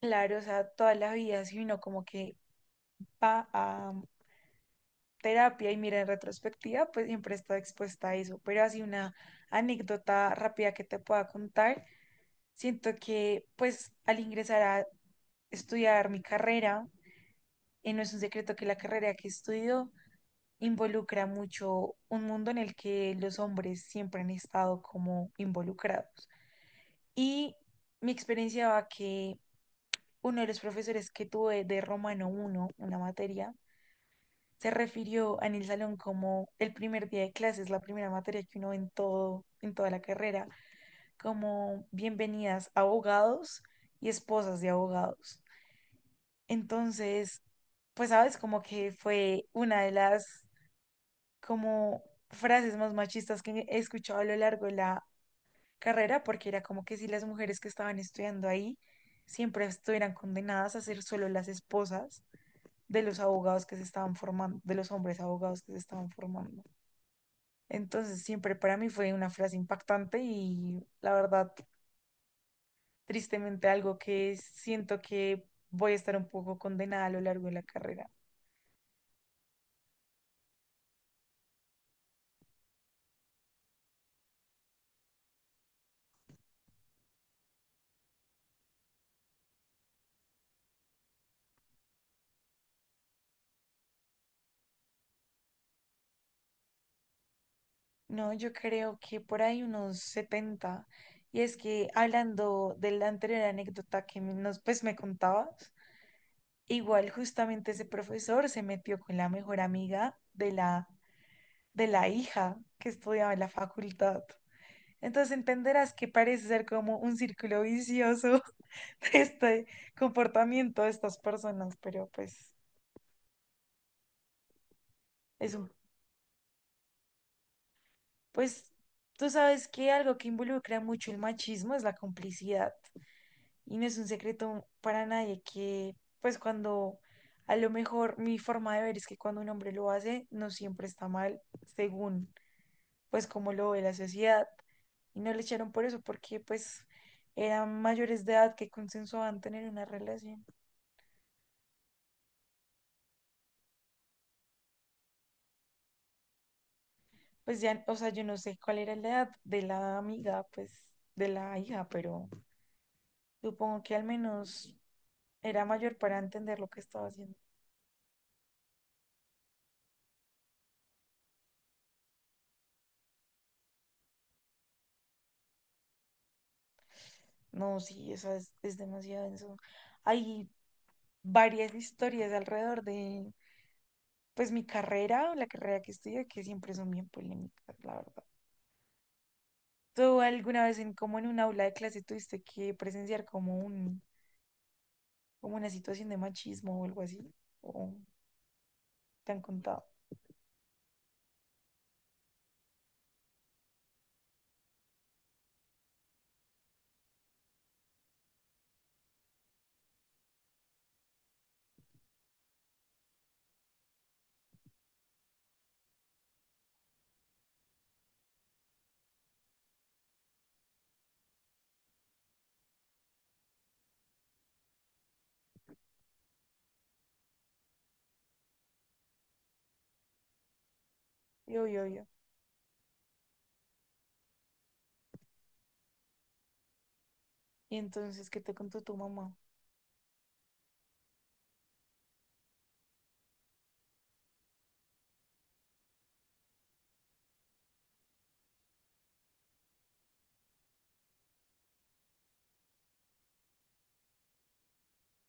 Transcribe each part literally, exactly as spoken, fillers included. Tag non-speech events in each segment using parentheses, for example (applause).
Claro, o sea, toda la vida, si uno como que va a terapia y mira en retrospectiva, pues siempre está expuesta a eso. Pero así una anécdota rápida que te pueda contar, siento que pues al ingresar a estudiar mi carrera, eh, no es un secreto que la carrera que estudio involucra mucho un mundo en el que los hombres siempre han estado como involucrados. Y mi experiencia va que uno de los profesores que tuve de Romano uno, una materia, se refirió en el salón, como el primer día de clases, la primera materia que uno ve en todo, en toda la carrera, como bienvenidas abogados y esposas de abogados. Entonces, pues sabes, como que fue una de las, como, frases más machistas que he escuchado a lo largo de la carrera, porque era como que si las mujeres que estaban estudiando ahí siempre estuvieran condenadas a ser solo las esposas de los abogados que se estaban formando, de los hombres abogados que se estaban formando. Entonces, siempre para mí fue una frase impactante y, la verdad, tristemente algo que siento que voy a estar un poco condenada a lo largo de la carrera. No, yo creo que por ahí unos setenta. Y es que, hablando de la anterior anécdota que me- nos, pues, me contabas, igual justamente ese profesor se metió con la mejor amiga de la, de la, hija que estudiaba en la facultad. Entonces entenderás que parece ser como un círculo vicioso. (laughs) Este comportamiento de estas personas, pero pues es un, pues tú sabes que algo que involucra mucho el machismo es la complicidad, y no es un secreto para nadie que, pues, cuando, a lo mejor, mi forma de ver es que cuando un hombre lo hace no siempre está mal, según pues como lo ve la sociedad, y no le echaron por eso porque pues eran mayores de edad que consensuaban tener una relación. Pues ya, o sea, yo no sé cuál era la edad de la amiga, pues, de la hija, pero supongo que al menos era mayor para entender lo que estaba haciendo. No, sí, eso es, es, demasiado denso. Hay varias historias alrededor de, pues, mi carrera, la carrera que estudio, que siempre son bien polémicas, la verdad. ¿Tú alguna vez, en, como en un aula de clase, tuviste que presenciar como un, como una situación de machismo o algo así? ¿O te han contado? Yo, yo, yo. Y entonces, ¿qué te contó tu mamá?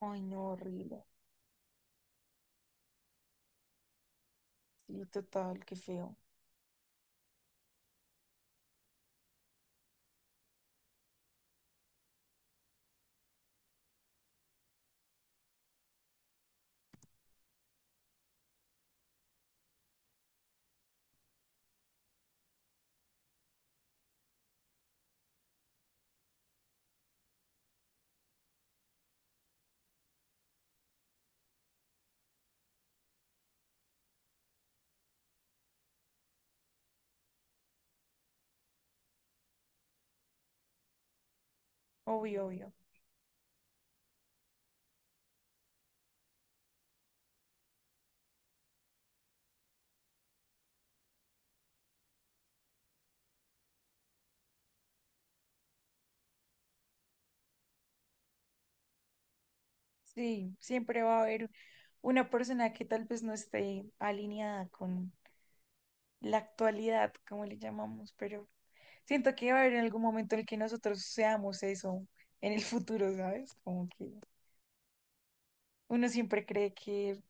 Ay, no, horrible. Sí, total, qué feo. Obvio, obvio. Sí, siempre va a haber una persona que tal vez no esté alineada con la actualidad, como le llamamos, pero siento que va a haber en algún momento en el que nosotros seamos eso en el futuro, ¿sabes? Como que uno siempre cree que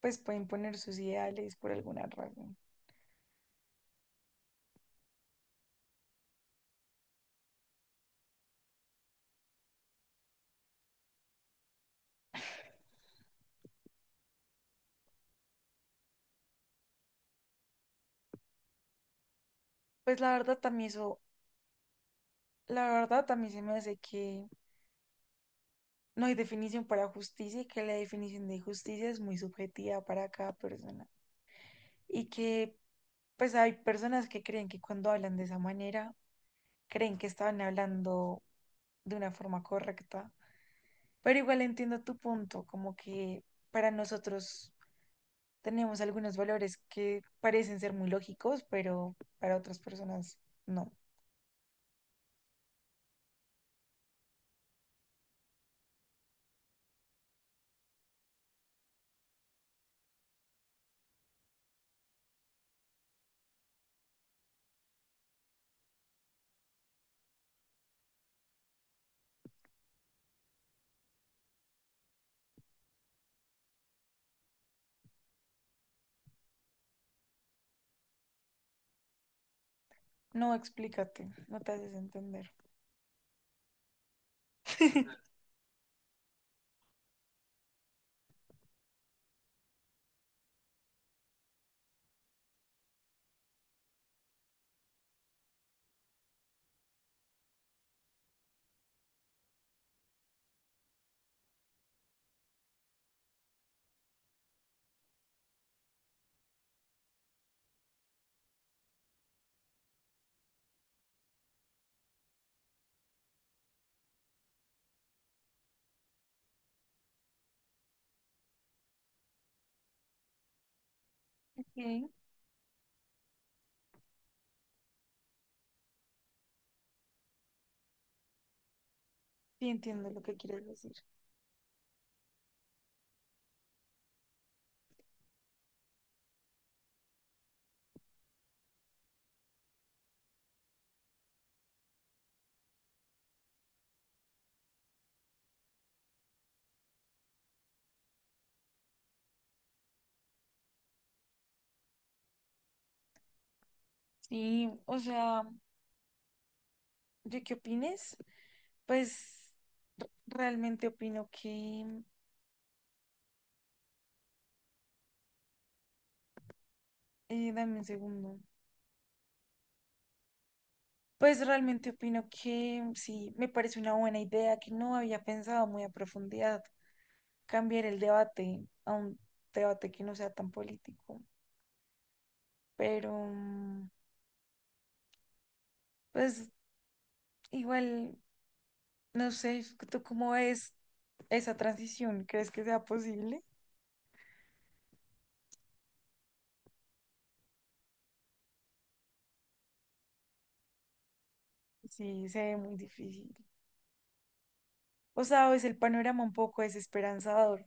pues pueden poner sus ideales por alguna razón. Pues la verdad también eso, la verdad también se me hace que no hay definición para justicia y que la definición de justicia es muy subjetiva para cada persona. Y que, pues, hay personas que creen que, cuando hablan de esa manera, creen que estaban hablando de una forma correcta. Pero igual entiendo tu punto, como que para nosotros tenemos algunos valores que parecen ser muy lógicos, pero para otras personas no. No, explícate, no te haces entender. (laughs) Sí. Sí, entiendo lo que quieres decir. Sí, o sea, ¿yo qué opines? Pues r- realmente opino que, eh, dame un segundo. Pues realmente opino que sí, me parece una buena idea que no había pensado muy a profundidad: cambiar el debate a un debate que no sea tan político. Pero, mm, pues, igual, no sé, ¿tú cómo ves esa transición? ¿Crees que sea posible? Sí, se ve muy difícil. O sea, es el panorama un poco desesperanzador.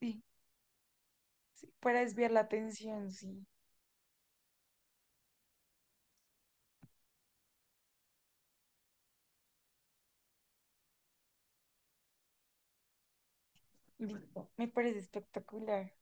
Sí. Para desviar la atención, sí. Listo. Me parece espectacular.